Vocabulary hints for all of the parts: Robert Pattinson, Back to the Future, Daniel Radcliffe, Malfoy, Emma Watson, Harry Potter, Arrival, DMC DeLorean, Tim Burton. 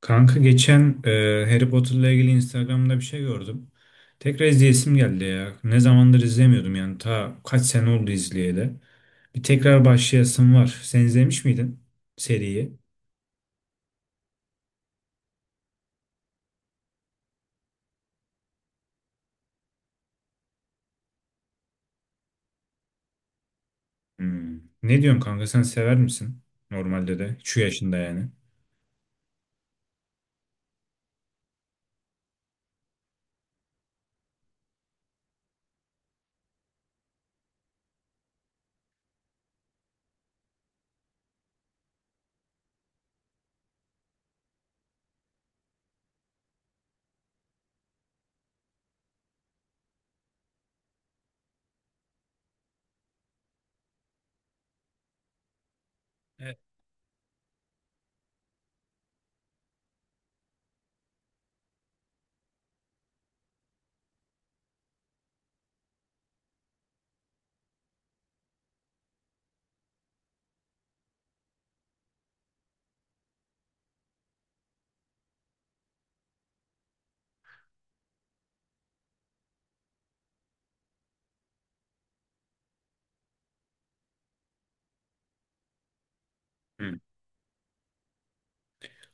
Kanka geçen Harry Potter'la ilgili Instagram'da bir şey gördüm. Tekrar izleyesim geldi ya. Ne zamandır izlemiyordum yani. Ta kaç sene oldu izleyeli. Bir tekrar başlayasım var. Sen izlemiş miydin seriyi? Hmm. Ne diyorsun kanka sen sever misin? Normalde de. Şu yaşında yani. Evet.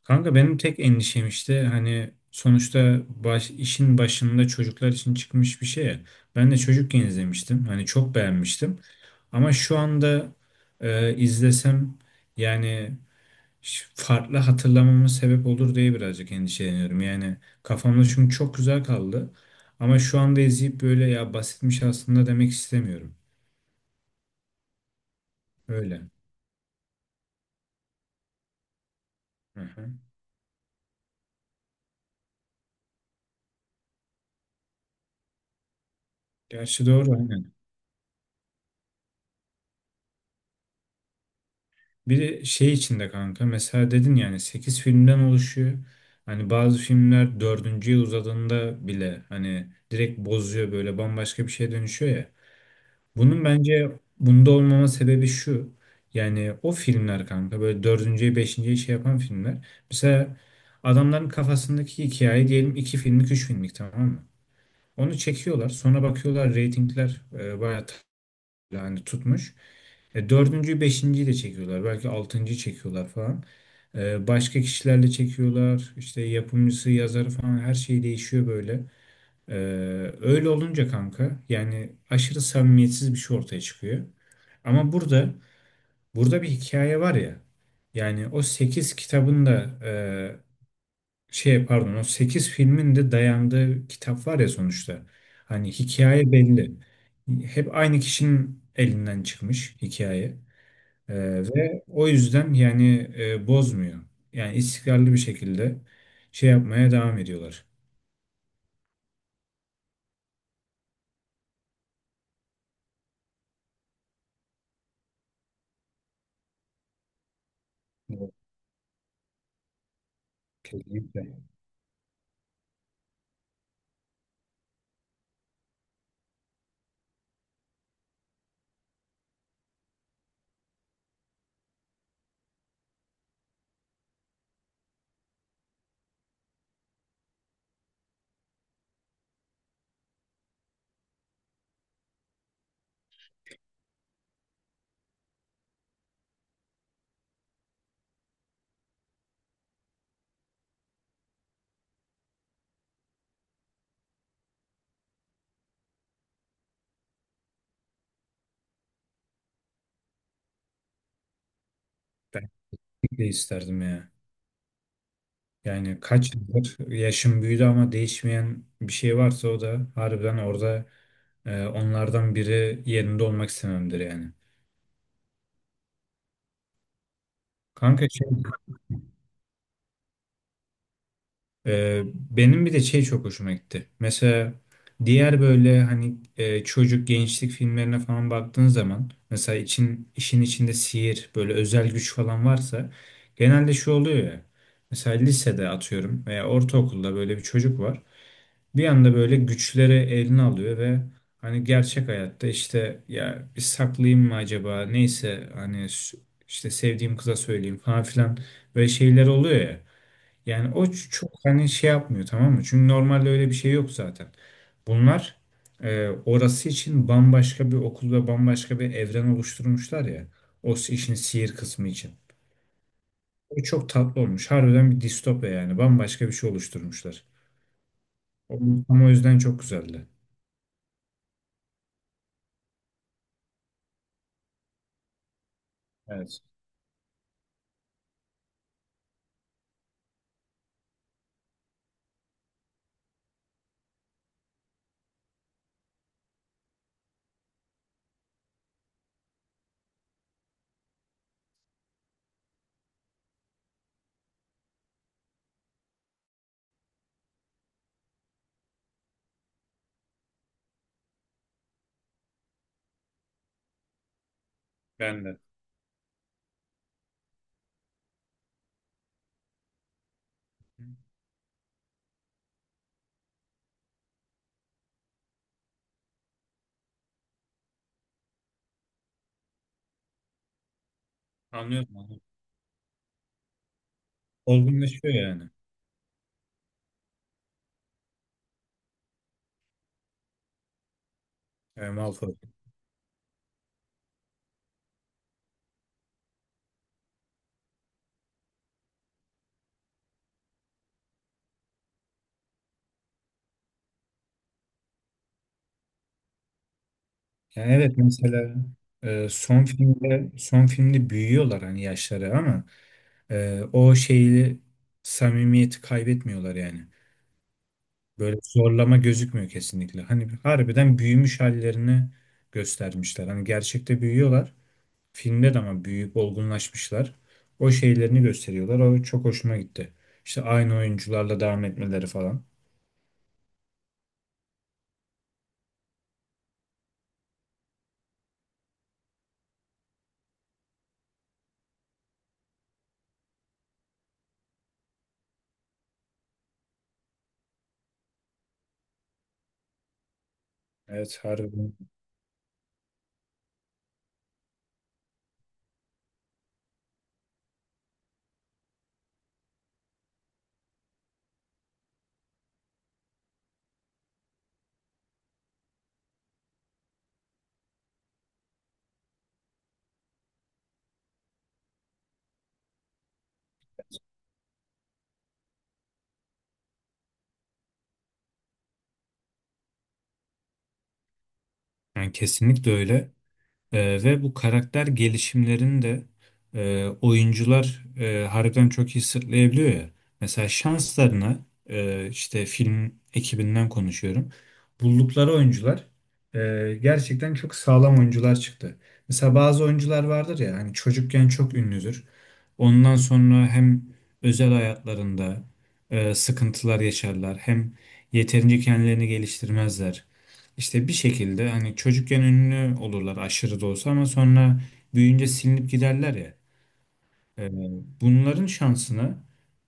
Kanka benim tek endişem işte hani sonuçta baş, işin başında çocuklar için çıkmış bir şey ya. Ben de çocukken izlemiştim. Hani çok beğenmiştim. Ama şu anda izlesem yani farklı hatırlamama sebep olur diye birazcık endişeleniyorum. Yani kafamda çünkü çok güzel kaldı. Ama şu anda izleyip böyle ya basitmiş aslında demek istemiyorum. Öyle. Hı hı. Gerçi doğru, hani. Bir de şey içinde kanka mesela dedin yani 8 filmden oluşuyor. Hani bazı filmler 4. yıl uzadığında bile hani direkt bozuyor böyle bambaşka bir şeye dönüşüyor ya. Bunun bence bunda olmama sebebi şu. Yani o filmler kanka böyle 4. beşinciye şey yapan filmler. Mesela adamların kafasındaki hikaye diyelim 2 filmlik 3 filmlik tamam mı? Onu çekiyorlar sonra bakıyorlar reytingler bayağı yani tutmuş. Dördüncüyü, beşinciyi de çekiyorlar. Belki altıncıyı çekiyorlar falan. Başka kişilerle çekiyorlar. İşte yapımcısı, yazarı falan her şey değişiyor böyle. E, Öyle olunca kanka yani aşırı samimiyetsiz bir şey ortaya çıkıyor. Ama burada bir hikaye var ya. Yani o 8 kitabın da e, şey pardon o 8 filmin de dayandığı kitap var ya sonuçta. Hani hikaye belli. Hep aynı kişinin elinden çıkmış hikaye. Ve o yüzden yani bozmuyor. Yani istikrarlı bir şekilde şey yapmaya devam ediyorlar. Evet. Kesinlikle. Ben de isterdim ya. Yani kaç yıldır yaşım büyüdü ama değişmeyen bir şey varsa o da harbiden orada onlardan biri yerinde olmak istememdir yani. Kanka şey Benim bir de şey çok hoşuma gitti. Mesela diğer böyle hani çocuk gençlik filmlerine falan baktığın zaman mesela için işin içinde sihir böyle özel güç falan varsa genelde şu oluyor ya. Mesela lisede atıyorum veya ortaokulda böyle bir çocuk var. Bir anda böyle güçleri eline alıyor ve hani gerçek hayatta işte ya bir saklayayım mı acaba neyse hani işte sevdiğim kıza söyleyeyim falan filan böyle şeyler oluyor ya. Yani o çok hani şey yapmıyor tamam mı? Çünkü normalde öyle bir şey yok zaten. Bunlar orası için bambaşka bir okul ve bambaşka bir evren oluşturmuşlar ya. O işin sihir kısmı için. O çok tatlı olmuş. Harbiden bir distopya yani. Bambaşka bir şey oluşturmuşlar. O- Ama o yüzden çok güzeldi. Evet. Ben de. Anlıyorum, anlıyorum. Olgunlaşıyor yani. Malfoy. Yani evet mesela son filmde büyüyorlar hani yaşları ama o şeyi samimiyeti kaybetmiyorlar yani. Böyle zorlama gözükmüyor kesinlikle. Hani harbiden büyümüş hallerini göstermişler. Hani gerçekte büyüyorlar. Filmde de ama büyüyüp olgunlaşmışlar. O şeylerini gösteriyorlar. O çok hoşuma gitti. İşte aynı oyuncularla devam etmeleri falan. Evet harbiden. Yani kesinlikle öyle. Ve bu karakter gelişimlerini de oyuncular harbiden çok iyi sırtlayabiliyor ya. Mesela şanslarına işte film ekibinden konuşuyorum. Buldukları oyuncular gerçekten çok sağlam oyuncular çıktı. Mesela bazı oyuncular vardır ya hani çocukken çok ünlüdür. Ondan sonra hem özel hayatlarında sıkıntılar yaşarlar hem yeterince kendilerini geliştirmezler. İşte bir şekilde hani çocukken ünlü olurlar aşırı da olsa ama sonra büyüyünce silinip giderler ya. Ee, Bunların şansını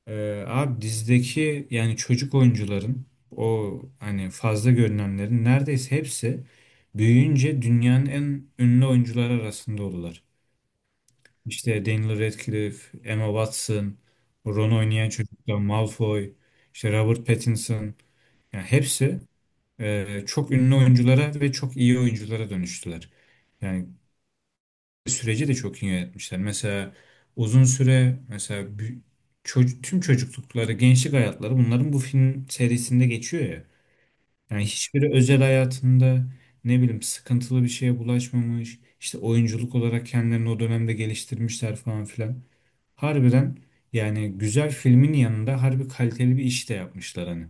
abi dizideki yani çocuk oyuncuların o hani fazla görünenlerin neredeyse hepsi büyüyünce dünyanın en ünlü oyuncuları arasında olurlar. İşte Daniel Radcliffe, Emma Watson, Ron oynayan çocuklar, Malfoy, işte Robert Pattinson yani hepsi çok ünlü oyunculara ve çok iyi oyunculara dönüştüler. Yani süreci de çok iyi yönetmişler. Mesela uzun süre mesela çocuk, tüm çocuklukları, gençlik hayatları bunların bu film serisinde geçiyor ya. Yani hiçbiri özel hayatında ne bileyim sıkıntılı bir şeye bulaşmamış. İşte oyunculuk olarak kendilerini o dönemde geliştirmişler falan filan. Harbiden yani güzel filmin yanında harbi kaliteli bir iş de yapmışlar hani.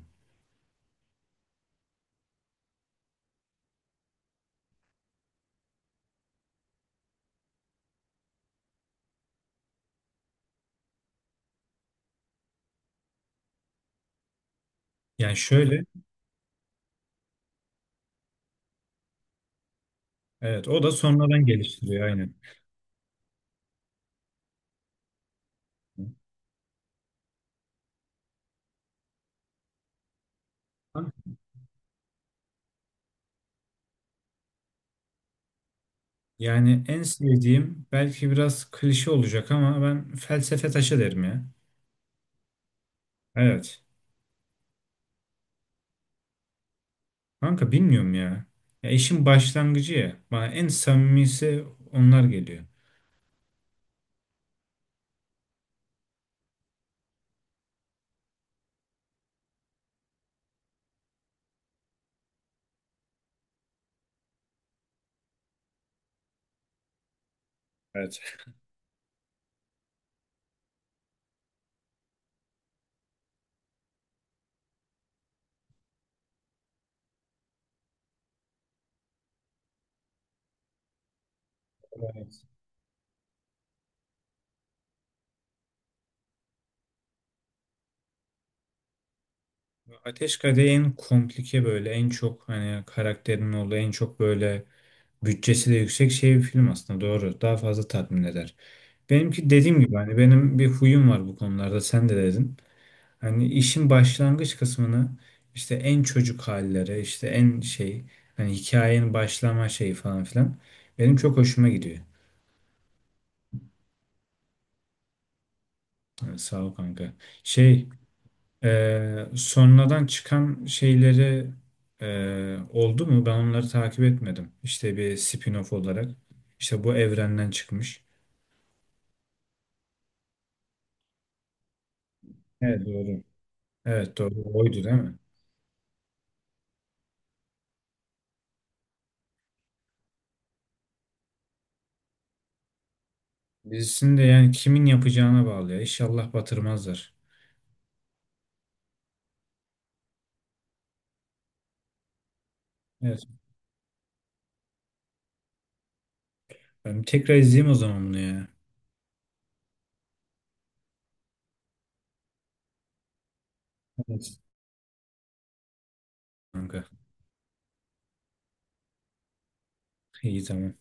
Yani şöyle, evet o da sonradan geliştiriyor aynen. Yani en sevdiğim belki biraz klişe olacak ama ben felsefe taşı derim ya. Evet. Kanka bilmiyorum ya. Ya işin başlangıcı ya. Bana en samimisi onlar geliyor. Evet. Evet. Ateş Kadehi en komplike böyle en çok hani karakterin olduğu en çok böyle bütçesi de yüksek şey bir film aslında doğru. Daha fazla tatmin eder. Benimki dediğim gibi hani benim bir huyum var bu konularda sen de dedin. Hani işin başlangıç kısmını işte en çocuk halleri, işte en şey hani hikayenin başlama şeyi falan filan benim çok hoşuma gidiyor. Ha, sağ ol kanka. Şey Sonradan çıkan şeyleri oldu mu? Ben onları takip etmedim. İşte bir spin-off olarak. İşte bu evrenden çıkmış. Evet doğru. Evet doğru. Oydu değil mi? Dizisini de yani kimin yapacağına bağlı ya. İnşallah batırmazlar. Evet. Ben tekrar izleyeyim o zaman bunu ya. Evet. Kanka. İyi tamam.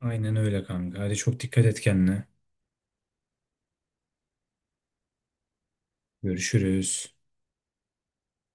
Aynen öyle kanka. Hadi çok dikkat et kendine. Görüşürüz.